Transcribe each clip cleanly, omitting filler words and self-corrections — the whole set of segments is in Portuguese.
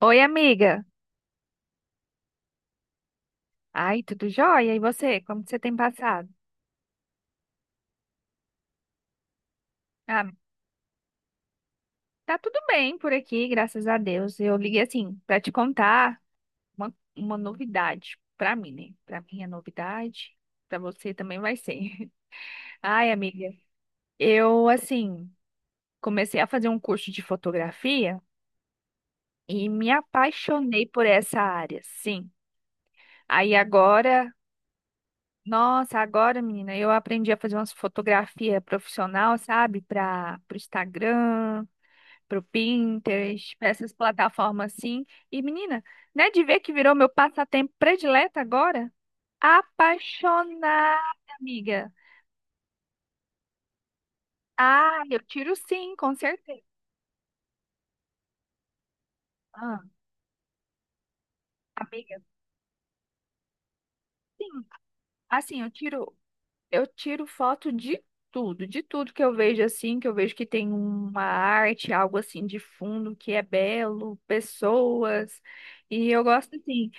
Oi, amiga. Ai, tudo jóia? E você? Como que você tem passado? Ah, tá tudo bem por aqui, graças a Deus. Eu liguei assim pra te contar uma novidade pra mim, né? Pra mim é novidade, pra você também vai ser. Ai, amiga, eu assim comecei a fazer um curso de fotografia e me apaixonei por essa área, sim. Aí agora, nossa, agora, menina, eu aprendi a fazer umas fotografias profissional, sabe? Para o Instagram, pro Pinterest, pra essas plataformas assim. E menina, né, de ver que virou meu passatempo predileto agora? Apaixonada, amiga. Ah, eu tiro sim, com certeza. Ah, amiga, sim. Assim, eu tiro foto de tudo que eu vejo assim, que eu vejo que tem uma arte, algo assim de fundo que é belo, pessoas. E eu gosto assim.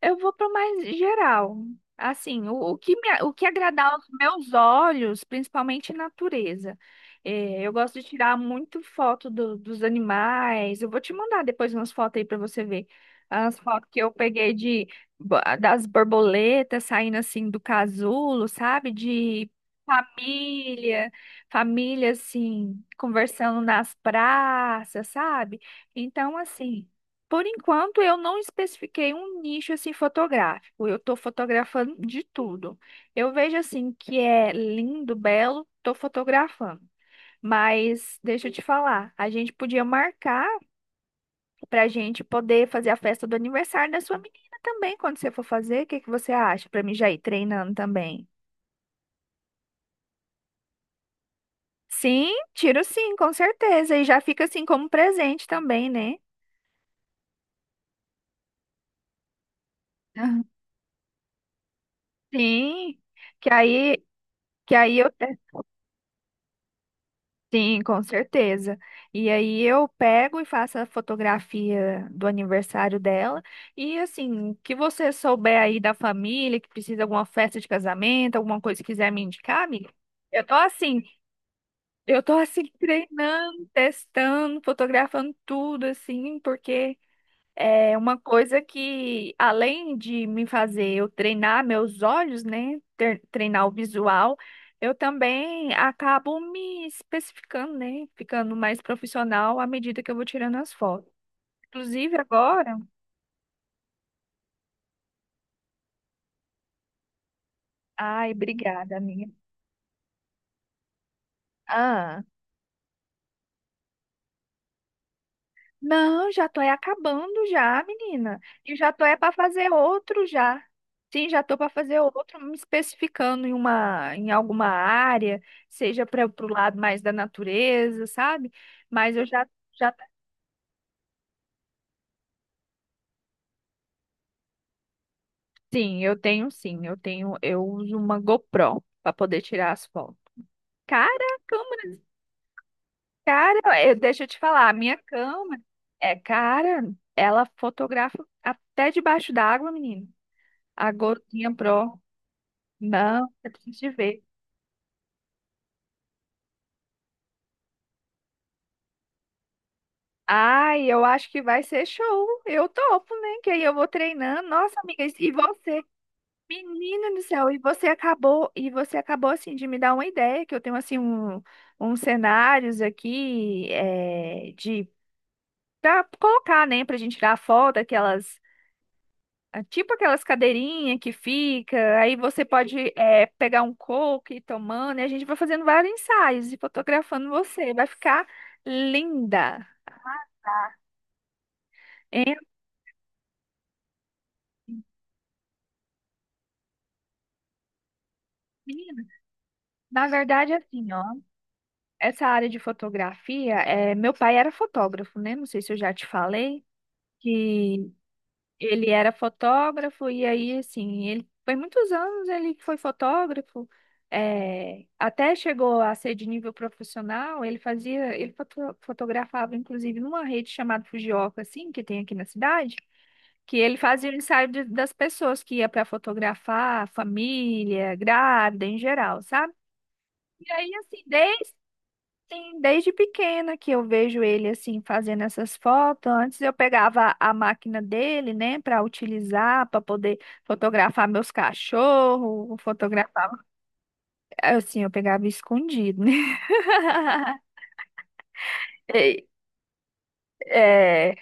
Eu vou para o mais geral. Assim, o que me, o que agradar aos meus olhos, principalmente natureza. É, eu gosto de tirar muito foto dos animais. Eu vou te mandar depois umas fotos aí para você ver. As fotos que eu peguei de das borboletas saindo assim do casulo, sabe? De família, família assim, conversando nas praças, sabe? Então, assim. Por enquanto, eu não especifiquei um nicho assim fotográfico. Eu estou fotografando de tudo. Eu vejo assim que é lindo, belo, estou fotografando. Mas deixa eu te falar, a gente podia marcar para a gente poder fazer a festa do aniversário da sua menina também, quando você for fazer. O que que você acha? Para mim já ir treinando também. Sim, tiro sim, com certeza. E já fica assim como presente também, né? Aham. Sim, que aí, que aí eu sim, com certeza. E aí eu pego e faço a fotografia do aniversário dela. E assim, que você souber aí da família, que precisa de alguma festa de casamento, alguma coisa que quiser me indicar, amiga. Eu tô assim, eu tô assim treinando, testando, fotografando tudo assim, porque é uma coisa que, além de me fazer eu treinar meus olhos, né? Treinar o visual, eu também acabo me especificando, né? Ficando mais profissional à medida que eu vou tirando as fotos. Inclusive agora. Ai, obrigada, amiga. Ah. Não, já tô é acabando já, menina. E já tô é para fazer outro já. Sim, já tô para fazer outro, me especificando em uma em alguma área, seja para o lado mais da natureza, sabe? Mas eu já já sim, eu tenho eu uso uma GoPro para poder tirar as fotos. Cara, a câmera, cara, deixa eu te falar, a minha câmera é cara, ela fotografa até debaixo d'água, menina. A Gotinha Pro. Não, eu preciso te ver. Ai, eu acho que vai ser show. Eu topo, né? Que aí eu vou treinando. Nossa, amiga, e você? Menina do céu, e você acabou assim de me dar uma ideia, que eu tenho assim um, uns cenários aqui é, de pra colocar, né, pra gente tirar foto, aquelas, ah, tipo aquelas cadeirinhas que fica, aí você pode é, pegar um coco e ir tomando, e a gente vai fazendo vários ensaios e fotografando você. Vai ficar linda. É, menina, na verdade, assim, ó, essa área de fotografia, é, meu pai era fotógrafo, né? Não sei se eu já te falei, que ele era fotógrafo e aí, assim, ele foi muitos anos ele foi fotógrafo, é, até chegou a ser de nível profissional, ele fazia, ele fotografava, inclusive, numa rede chamada Fujioka, assim, que tem aqui na cidade, que ele fazia o ensaio das pessoas que ia para fotografar, família, grávida, em geral, sabe? E aí, assim, desde, sim, desde pequena que eu vejo ele, assim, fazendo essas fotos. Antes eu pegava a máquina dele, né, para utilizar, para poder fotografar meus cachorros, fotografar. Assim, eu pegava escondido, né? E- É,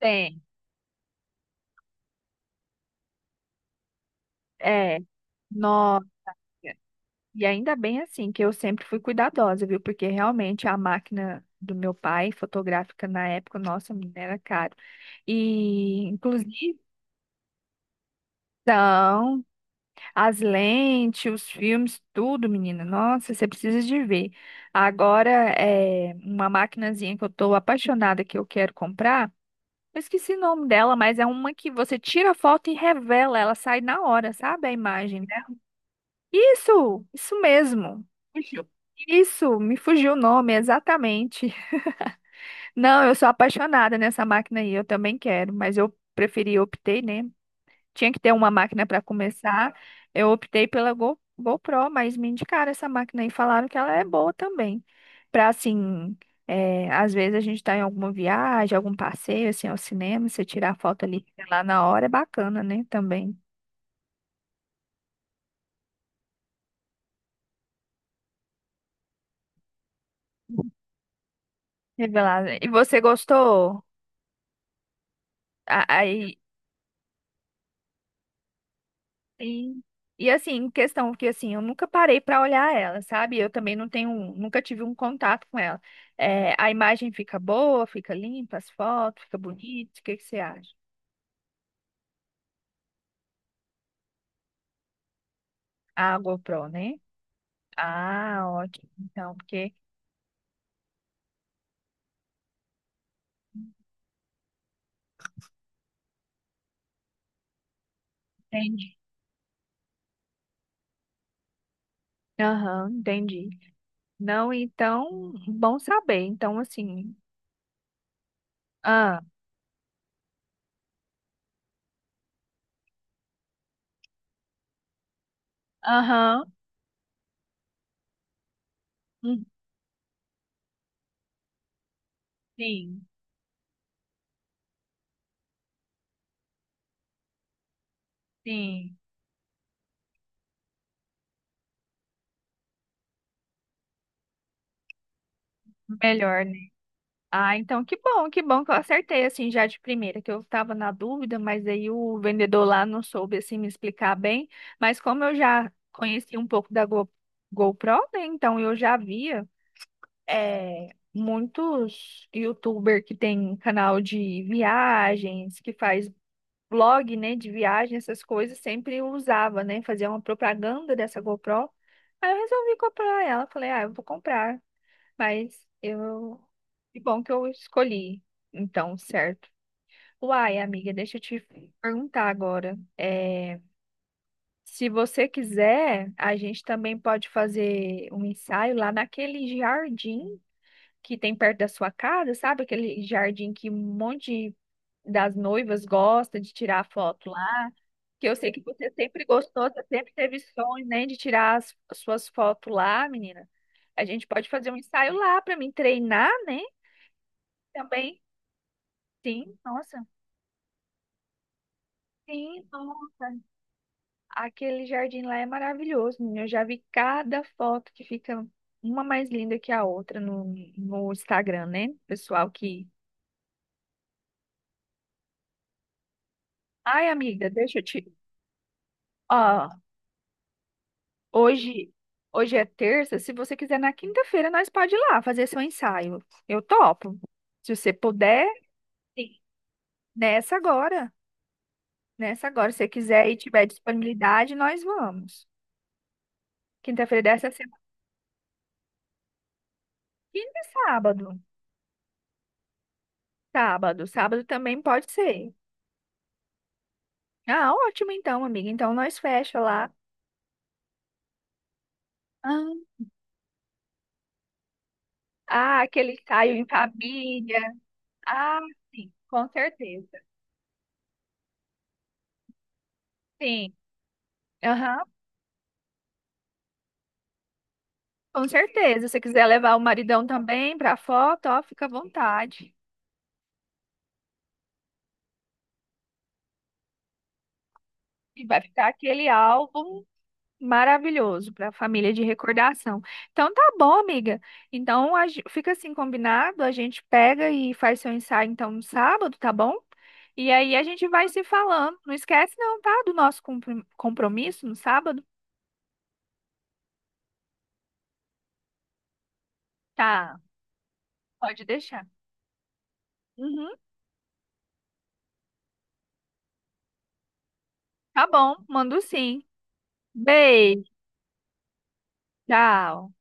tem, é. Nossa. E ainda bem, assim, que eu sempre fui cuidadosa, viu? Porque realmente a máquina do meu pai, fotográfica na época, nossa, menina, era caro. E, inclusive. As lentes, os filmes, tudo, menina. Nossa, você precisa de ver. Agora, é uma maquinazinha que eu tô apaixonada que eu quero comprar. Eu esqueci o nome dela, mas é uma que você tira a foto e revela, ela sai na hora, sabe? A imagem dela. Isso mesmo. Fugiu. Isso, me fugiu o nome, exatamente. Não, eu sou apaixonada nessa máquina aí, eu também quero, mas eu preferi, optei, né? Tinha que ter uma máquina para começar. Eu optei pela GoPro, mas me indicaram essa máquina e falaram que ela é boa também. Para assim, é, às vezes a gente está em alguma viagem, algum passeio, assim, ao cinema, você tirar foto ali lá na hora é bacana, né? Também. Revelar. E você gostou? Aí sim. E assim, em questão que assim, eu nunca parei para olhar ela, sabe? Eu também não tenho, um, nunca tive um contato com ela. É, a imagem fica boa, fica limpa, as fotos, fica bonito. O que que você acha? A GoPro, né? Ah, ótimo. Então, porque entendi. Aham, entendi. Não, então, bom saber. Então, assim, ah, aham, hum, sim, sim, melhor, né? Ah, então que bom, que bom que eu acertei assim já de primeira, que eu estava na dúvida, mas aí o vendedor lá não soube assim me explicar bem, mas como eu já conheci um pouco da GoPro, né, então eu já via muitos YouTuber que tem canal de viagens, que faz blog, né, de viagem, essas coisas, sempre usava, né, fazia uma propaganda dessa GoPro. Aí eu resolvi comprar ela, falei, ah, eu vou comprar. Mas eu. Que bom que eu escolhi, então, certo. Uai, amiga, deixa eu te perguntar agora. É, se você quiser, a gente também pode fazer um ensaio lá naquele jardim que tem perto da sua casa, sabe? Aquele jardim que um monte de- das noivas gosta de tirar foto lá. Que eu sei que você sempre gostou, você sempre teve sonho, né, de tirar as suas fotos lá, menina. A gente pode fazer um ensaio lá para mim treinar, né? Também. Sim, nossa. Sim, nossa. Aquele jardim lá é maravilhoso, menina. Eu já vi cada foto que fica uma mais linda que a outra no Instagram, né? Pessoal que. Ai, amiga, deixa eu te. Ó, hoje, hoje é terça. Se você quiser, na quinta-feira, nós pode ir lá fazer seu ensaio. Eu topo. Se você puder, sim, nessa agora. Nessa agora. Se você quiser e tiver disponibilidade, nós vamos. Quinta-feira dessa semana. Quinta e sábado. Sábado, sábado também pode ser. Ah, ótimo então, amiga. Então nós fecha lá. Ah, ah, aquele ensaio em família. Ah, sim, com certeza. Sim, aham, com certeza. Se você quiser levar o maridão também pra foto, ó, fica à vontade. E vai ficar aquele álbum maravilhoso para a família de recordação. Então tá bom, amiga. Então a fica assim combinado, a gente pega e faz seu ensaio então no sábado, tá bom? E aí a gente vai se falando. Não esquece não, tá? Do nosso compromisso no sábado. Tá, pode deixar. Uhum, tá bom, mando sim. Beijo, tchau.